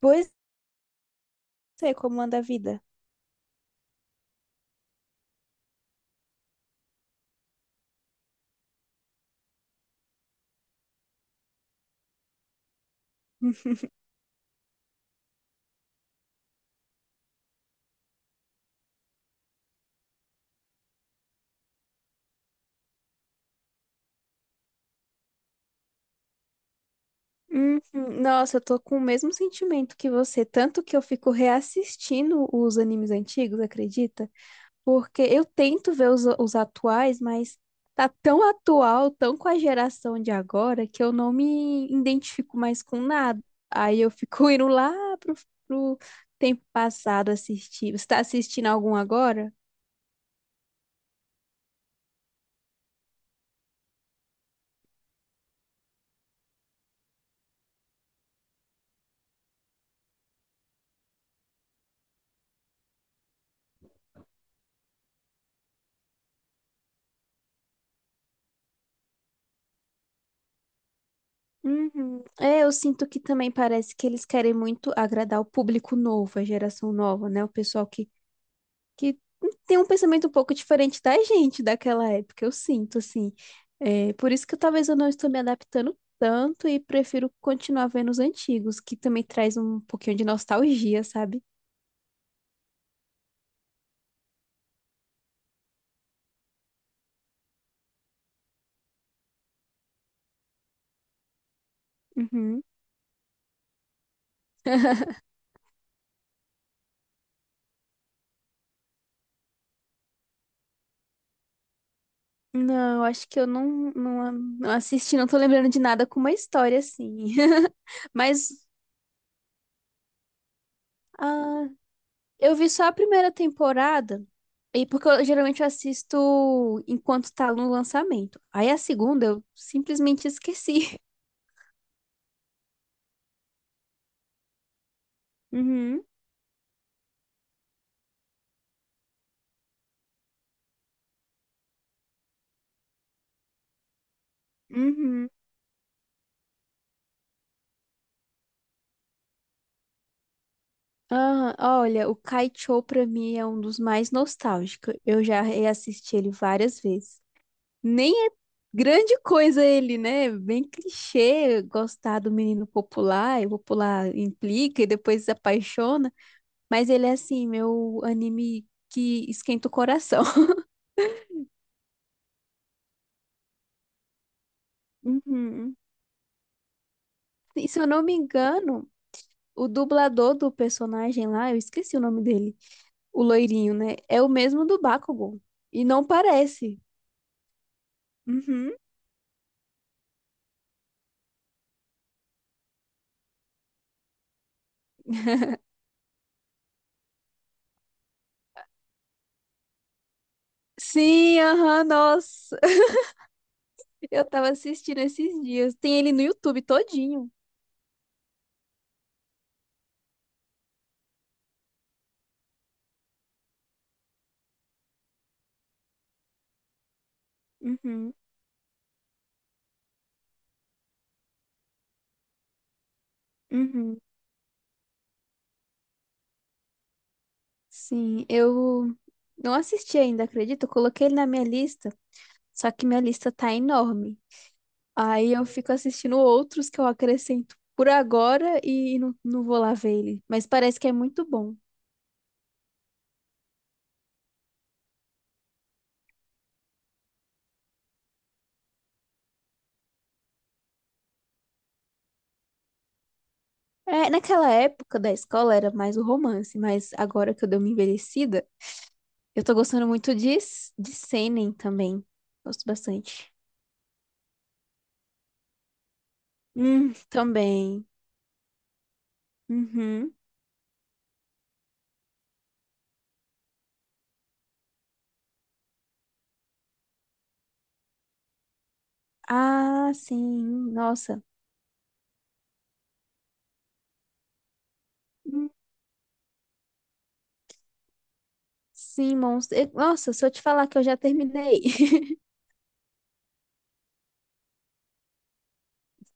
Pois é, como anda a vida. Uhum. Nossa, eu tô com o mesmo sentimento que você, tanto que eu fico reassistindo os animes antigos, acredita? Porque eu tento ver os atuais, mas tá tão atual, tão com a geração de agora, que eu não me identifico mais com nada. Aí eu fico indo lá pro, pro tempo passado assistir. Você tá assistindo algum agora? Uhum. É, eu sinto que também parece que eles querem muito agradar o público novo, a geração nova, né? O pessoal que tem um pensamento um pouco diferente da gente daquela época, eu sinto, assim. É, por isso que talvez eu não estou me adaptando tanto e prefiro continuar vendo os antigos, que também traz um pouquinho de nostalgia, sabe? Uhum. Não, acho que eu não assisti, não tô lembrando de nada com uma história assim. Mas, ah, eu vi só a primeira temporada, e porque eu geralmente eu assisto enquanto tá no lançamento. Aí a segunda eu simplesmente esqueci. Uhum, uhum. Ah, olha, o Kai Cho pra mim é um dos mais nostálgicos. Eu já reassisti ele várias vezes. Nem é grande coisa ele, né? Bem clichê gostar do menino popular, e o popular implica e depois se apaixona. Mas ele é assim, meu anime que esquenta o coração. Uhum. E se eu não me engano, o dublador do personagem lá, eu esqueci o nome dele, o loirinho, né? É o mesmo do Bakugan. E não parece. Uhum. Sim, aham, nossa. Eu tava assistindo esses dias. Tem ele no YouTube todinho. Uhum, uhum. Sim, eu não assisti ainda, acredito. Eu coloquei ele na minha lista, só que minha lista tá enorme. Aí eu fico assistindo outros que eu acrescento por agora e não vou lá ver ele. Mas parece que é muito bom. É, naquela época da escola era mais o romance, mas agora que eu dei uma envelhecida, eu tô gostando muito de, de seinen também. Gosto bastante. Também. Uhum. Ah, sim. Nossa. Hum, Sim, monstro. Nossa, se eu te falar que eu já terminei.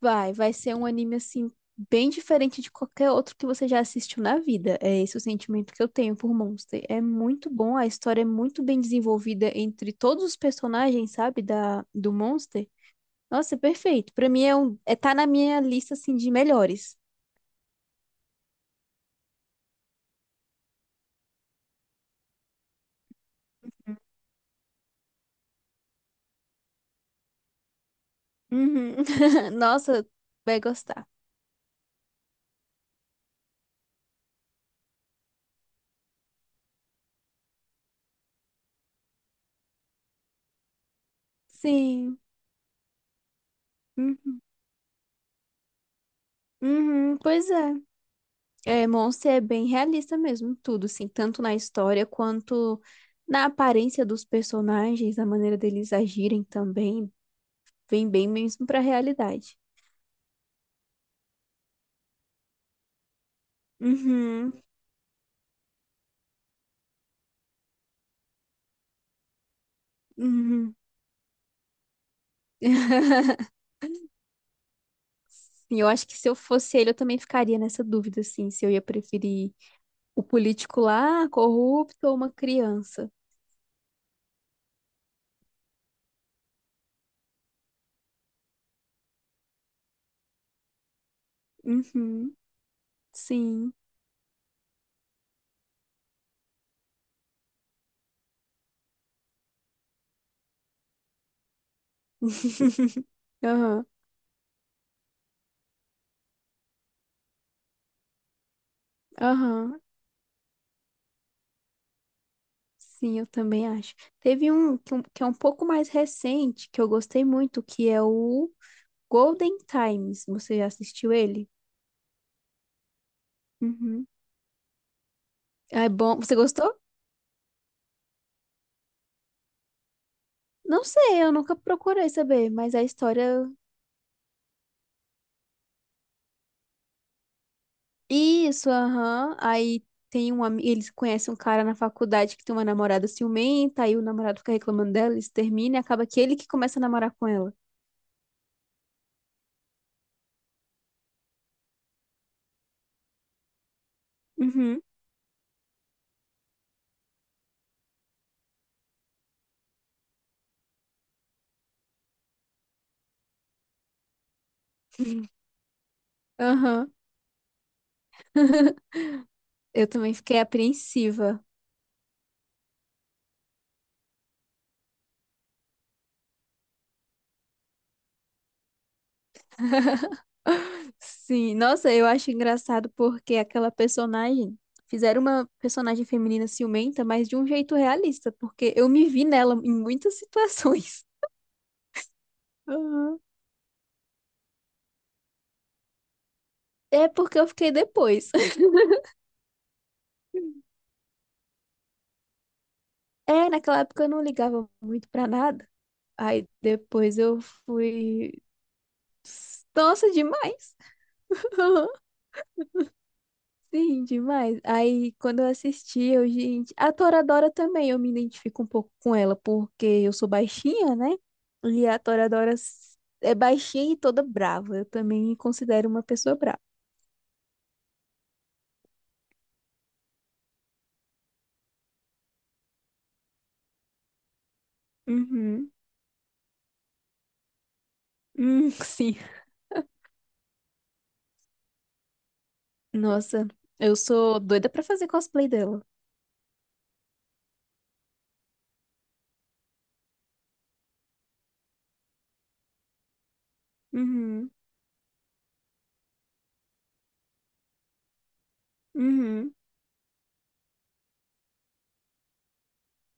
Vai, vai ser um anime assim bem diferente de qualquer outro que você já assistiu na vida. É esse o sentimento que eu tenho por Monster. É muito bom, a história é muito bem desenvolvida entre todos os personagens, sabe, da do Monster. Nossa, é perfeito. Pra mim é um, é tá na minha lista assim de melhores. Uhum. Nossa, vai gostar. Sim. Uhum. Uhum, pois é. É, Monster é bem realista mesmo, tudo, assim, tanto na história quanto na aparência dos personagens, a maneira deles agirem também, vem bem mesmo pra realidade. Uhum, uhum. E eu acho que se eu fosse ele, eu também ficaria nessa dúvida, assim, se eu ia preferir o político lá, corrupto, ou uma criança. Uhum, sim. Aham, aham. Sim, eu também acho. Teve um que é um pouco mais recente, que eu gostei muito, que é o Golden Times. Você já assistiu ele? Uhum. É bom. Você gostou? Não sei, eu nunca procurei saber, mas a história. Isso, aham. Aí tem um amigo. Eles conhecem um cara na faculdade que tem uma namorada ciumenta, aí o namorado fica reclamando dela, eles terminam e acaba que ele que começa a namorar com ela. Uhum. Aham. Eu também fiquei apreensiva. Sim, nossa, eu acho engraçado porque aquela personagem. Fizeram uma personagem feminina ciumenta, mas de um jeito realista, porque eu me vi nela em muitas situações. Aham. É porque eu fiquei depois. É, naquela época eu não ligava muito pra nada. Aí depois eu fui. Nossa, demais! Sim, demais. Aí, quando eu assisti, eu, gente, a Toradora também, eu me identifico um pouco com ela, porque eu sou baixinha, né? E a Toradora é baixinha e toda brava. Eu também me considero uma pessoa brava. Uhum. Sim. Nossa, eu sou doida pra fazer cosplay dela. Uhum. Uhum.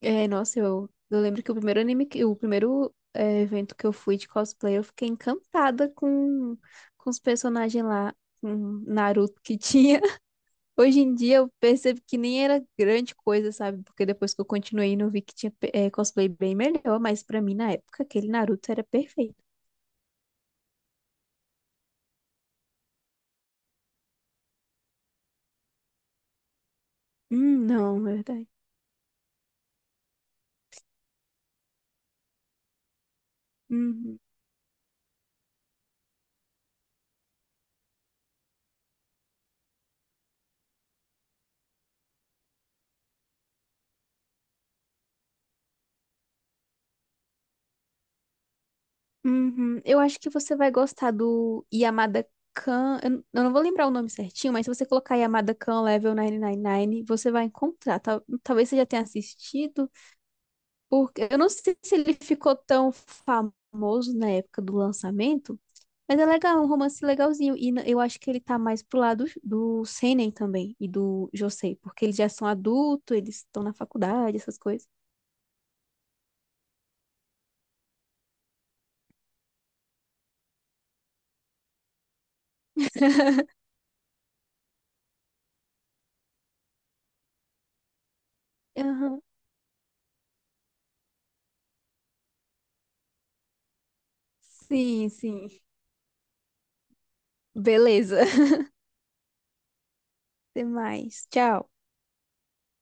É, nossa, eu lembro que o primeiro anime, o primeiro evento que eu fui de cosplay, eu fiquei encantada com os personagens lá, com Naruto que tinha. Hoje em dia eu percebo que nem era grande coisa, sabe? Porque depois que eu continuei, não vi que tinha cosplay bem melhor, mas pra mim na época aquele Naruto era perfeito. Não, verdade. Uhum, uhum. Eu acho que você vai gostar do Yamada Kan. Eu não vou lembrar o nome certinho, mas se você colocar Yamada Kan Level 999, você vai encontrar. Talvez você já tenha assistido, porque eu não sei se ele ficou tão famoso na época do lançamento. Mas é legal, é um romance legalzinho. Eu acho que ele tá mais pro lado do Senen também e do Josei, porque eles já são adultos, eles estão na faculdade, essas coisas. Aham. Sim. Beleza. Até mais. Tchau.